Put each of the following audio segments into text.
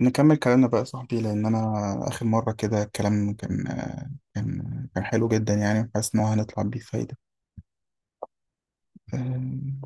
نكمل كلامنا بقى يا صاحبي لأن أنا آخر مرة كده الكلام كان حلو جدا يعني وحاسس إن هو هنطلع بيه فايدة. أم،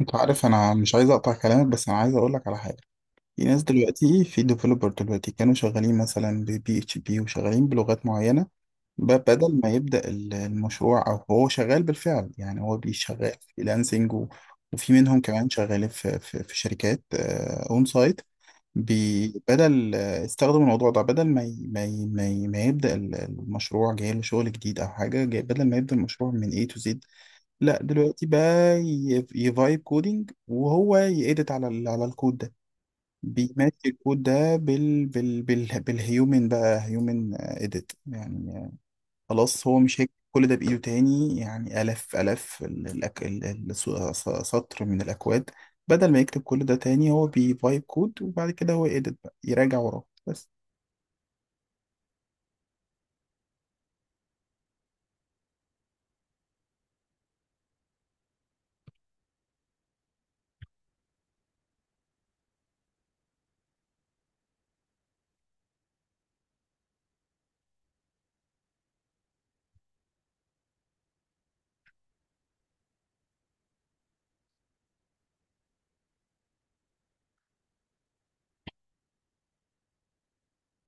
أنت عارف أنا مش عايز أقطع كلامك، بس أنا عايز أقولك على حاجة. في ناس دلوقتي، في ديفلوبر دلوقتي كانوا شغالين مثلا ببي اتش بي وشغالين بلغات معينة. بدل ما يبدأ المشروع، أو هو شغال بالفعل يعني هو بيشغال فريلانسنج وفي منهم كمان شغالين في شركات أون سايت. بدل استخدم الموضوع ده، بدل ما يبدأ المشروع، جاي له شغل جديد او حاجه، جاي بدل ما يبدأ المشروع من A to Z. لا دلوقتي بقى يفايب كودينج وهو يأدت على ال على الكود ده، بيماتش الكود ده بالهيومن، بقى هيومن اديت يعني. خلاص هو مش هيكتب كل ده بإيده تاني، يعني آلاف ال- الأك... ال- ال- س- س- سطر من الأكواد. بدل ما يكتب كل ده تاني هو بيفايب كود، وبعد كده هو يedit بقى، يراجع وراه بس.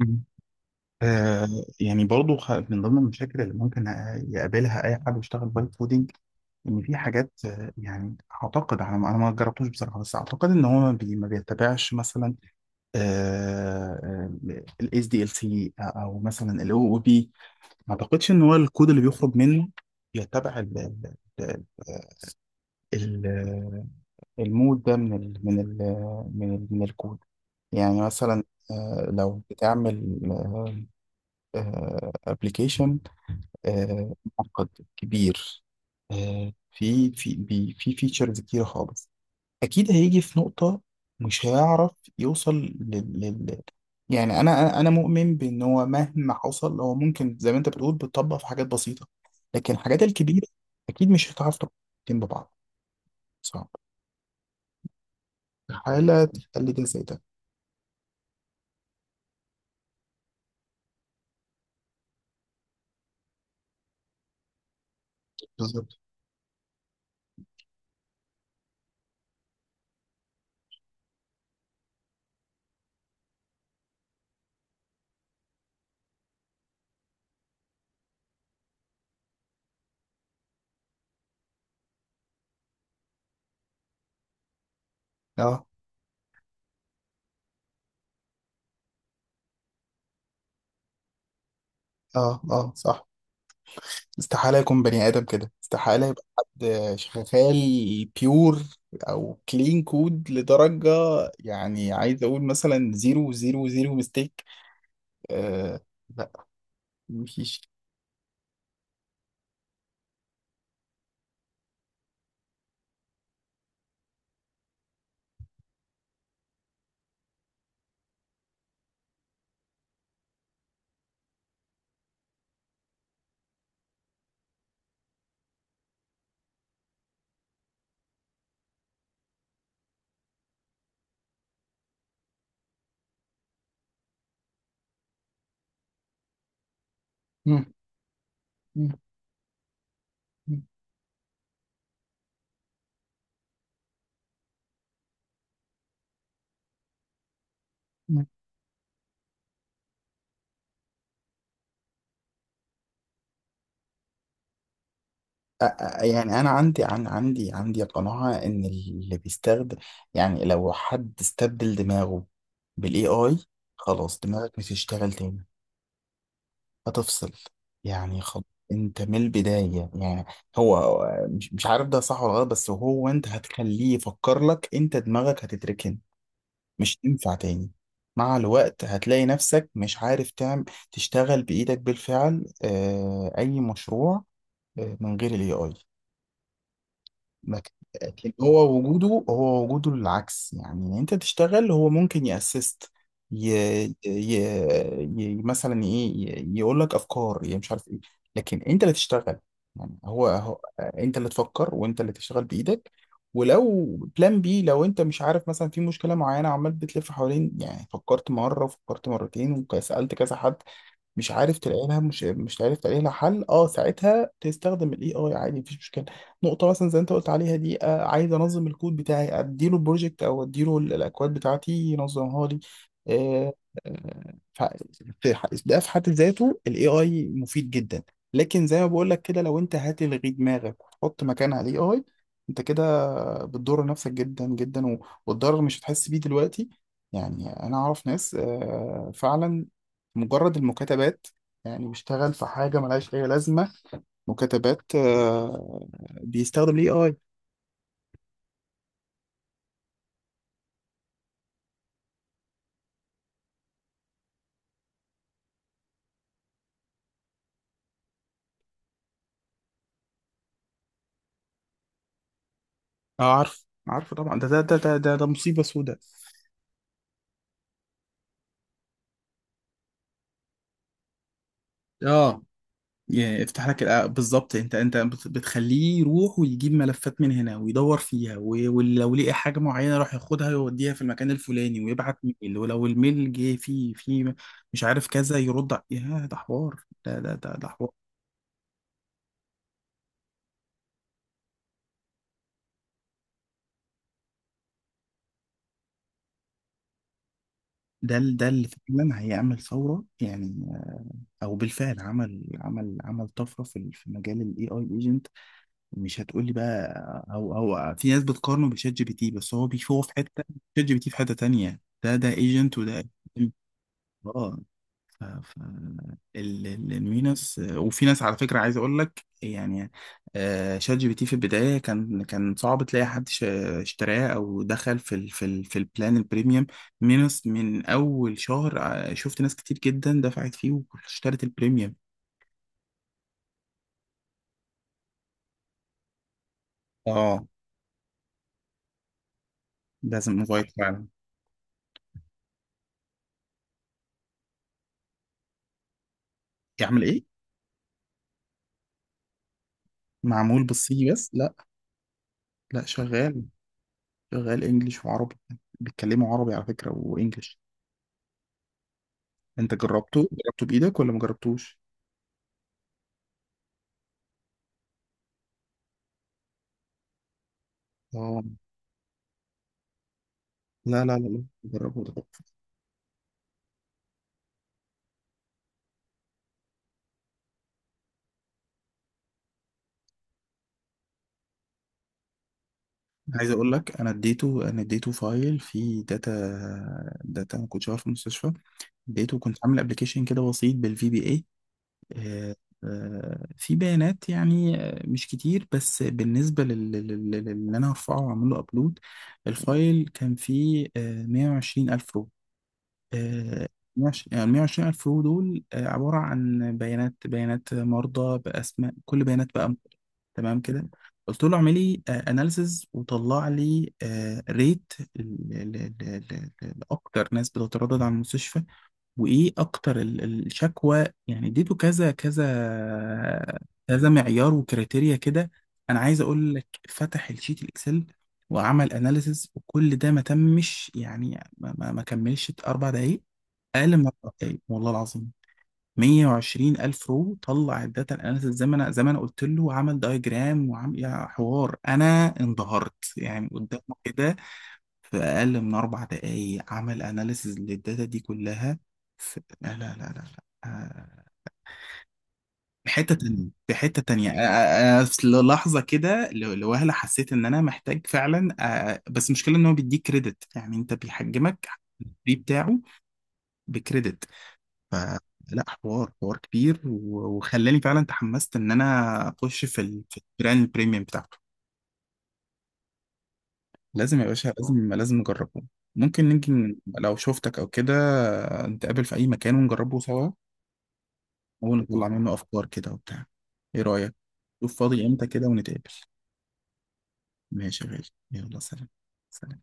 مم. آه، يعني برضو من ضمن المشاكل اللي ممكن يقابلها اي حد بيشتغل بايب كودينج، ان في حاجات يعني، اعتقد انا ما جربتوش بصراحه، بس اعتقد ان هو ما بيتبعش مثلا الاس دي ال سي او، مثلا الاو او بي. ما اعتقدش ان هو الكود اللي بيخرج منه يتبع ال ال- المود ده من الكود. يعني مثلا، لو بتعمل ابلكيشن معقد كبير، في في فيتشرز كتير خالص، اكيد هيجي في نقطة مش هيعرف يوصل لل... لل... يعني انا انا أنا مؤمن بان هو مهما حصل هو ممكن زي ما انت بتقول بتطبق في حاجات بسيطة، لكن الحاجات الكبيرة اكيد مش هتعرف تطبقهم ببعض. صعب، استحالة تخلي ده زي ده. بالظبط. اه اه صح. استحالة يكون بني آدم كده، استحالة يبقى حد شغال بيور او كلين كود لدرجة، يعني عايز اقول مثلا زيرو زيرو زيرو ميستيك. آه، مفيش. مم. مم. مم. مم. يعني انا عندي عن عندي عندي قناعة ان اللي بيستخدم، يعني لو حد استبدل دماغه بالاي اي، خلاص دماغك مش هتشتغل تاني، هتفصل. يعني خلاص، انت من البداية يعني. هو مش عارف ده صح ولا غلط، بس هو انت هتخليه يفكر لك، انت دماغك هتتركن، مش تنفع تاني. مع الوقت هتلاقي نفسك مش عارف تعمل، تشتغل بإيدك بالفعل أي مشروع من غير الاي اي. لكن لكن هو وجوده، هو وجوده العكس يعني، إن انت تشتغل هو ممكن يأسست ي... ي... مثلا ايه، يقول لك افكار يعني، مش عارف ايه. لكن انت اللي تشتغل، يعني هو انت اللي تفكر وانت اللي تشتغل بايدك. ولو بلان بي، لو انت مش عارف مثلا في مشكله معينه، عمال بتلف حوالين يعني، فكرت مره وفكرت مرتين وسالت كذا حد، مش عارف تلاقي لها، مش عارف تلاقي لها حل، اه ساعتها تستخدم الاي اي عادي، مفيش مشكله. نقطه مثلا زي انت قلت عليها دي، آه، عايز انظم الكود بتاعي، اديله بروجكت او اديله الاكواد بتاعتي ينظمها لي. آه. آه ف- في ده في حد ذاته الاي اي مفيد جدا. لكن زي ما بقول لك كده، لو انت هتلغي دماغك وتحط مكانها الاي اي، انت كده بتضر نفسك جدا والضرر مش هتحس بيه دلوقتي. يعني انا اعرف ناس فعلا مجرد المكاتبات، يعني بيشتغل في حاجة ملهاش أي لازمة، مكاتبات، بيستخدم الاي اي. اه، عارف، عارفه طبعا. ده ده مصيبة سودة. اه، يعني افتح لك بالظبط. انت بتخليه يروح ويجيب ملفات من هنا ويدور فيها، ولو لقى حاجه معينه يروح ياخدها ويوديها في المكان الفلاني، ويبعت ميل، ولو الميل جه فيه مش عارف كذا، يرد يا ده حوار. ده حوار. ده اللي فعلا هيعمل ثوره يعني، او بالفعل عمل طفره في في مجال الاي اي ايجنت. مش هتقول لي بقى، او في ناس بتقارنه بشات جي بي تي، بس هو في حته، شات جي بي تي في حته تانية. ده ده ايجنت، وده agent. اه. ف ف المينس. وفي ناس على فكره عايز اقول لك يعني، شات جي بي تي في البدايه كان صعب تلاقي حد اشتراه او دخل في البلان البريميوم مينس. من اول شهر شفت ناس كتير جدا دفعت فيه واشترت البريميوم. اه، لازم انفايت فعلا. يعمل ايه؟ معمول بالصيني بس؟ لا، لا، شغال انجليش وعربي. بيتكلموا عربي على فكرة وانجليش. انت جربته، جربته بايدك ولا ما جربتوش؟ اه. لا لا لا لا، جربه، ده تحفة. عايز اقول لك، انا اديته، انا اديته فايل فيه داتا، داتا ما كنتش عارف في المستشفى. اديته، كنت عامل ابلكيشن كده بسيط بالفي بي اي، آه، في بيانات يعني، مش كتير، بس بالنسبة للي أنا هرفعه وأعمله أبلود، الفايل كان فيه مية وعشرين ألف رو. آه، مية وعشرين يعني، مية وعشرين ألف رو دول عبارة عن بيانات، بيانات مرضى بأسماء، كل بيانات بقى. تمام كده. قلت له اعمل لي اناليسز، وطلع لي ريت لاكتر ناس بتتردد على المستشفى، وايه اكتر الشكوى يعني. اديته كذا كذا كذا معيار وكريتيريا كده. انا عايز اقول لك، فتح الشيت الاكسل وعمل اناليسز وكل ده، ما تمش يعني، ما كملش اربع دقايق. اقل من اربع دقايق والله العظيم. 120 الف رو طلع الداتا اناليسز زي ما انا، زي ما انا قلت له، وعمل دايجرام، وعمل يا حوار، انا انبهرت يعني قدامه كده. في أقل من أربع دقايق عمل أناليسز للداتا دي كلها. في... لا لا لا لا لا. في حتة تانية، أنا في لحظة كده لوهلة حسيت إن أنا محتاج فعلا. آه، بس المشكلة إن هو بيديك كريدت، يعني أنت بيحجمك. الفري بتاعه بكريدت. ف لا، حوار كبير، وخلاني فعلا تحمست إن أنا أخش في في البراند البريميوم بتاعته. لازم يا باشا، لازم لازم نجربه. يمكن لو شفتك او كده، نتقابل في اي مكان ونجربه سوا، ونطلع منه افكار كده وبتاع. ايه رأيك؟ شوف فاضي امتى كده ونتقابل. ماشي يا غالي، يلا سلام. سلام.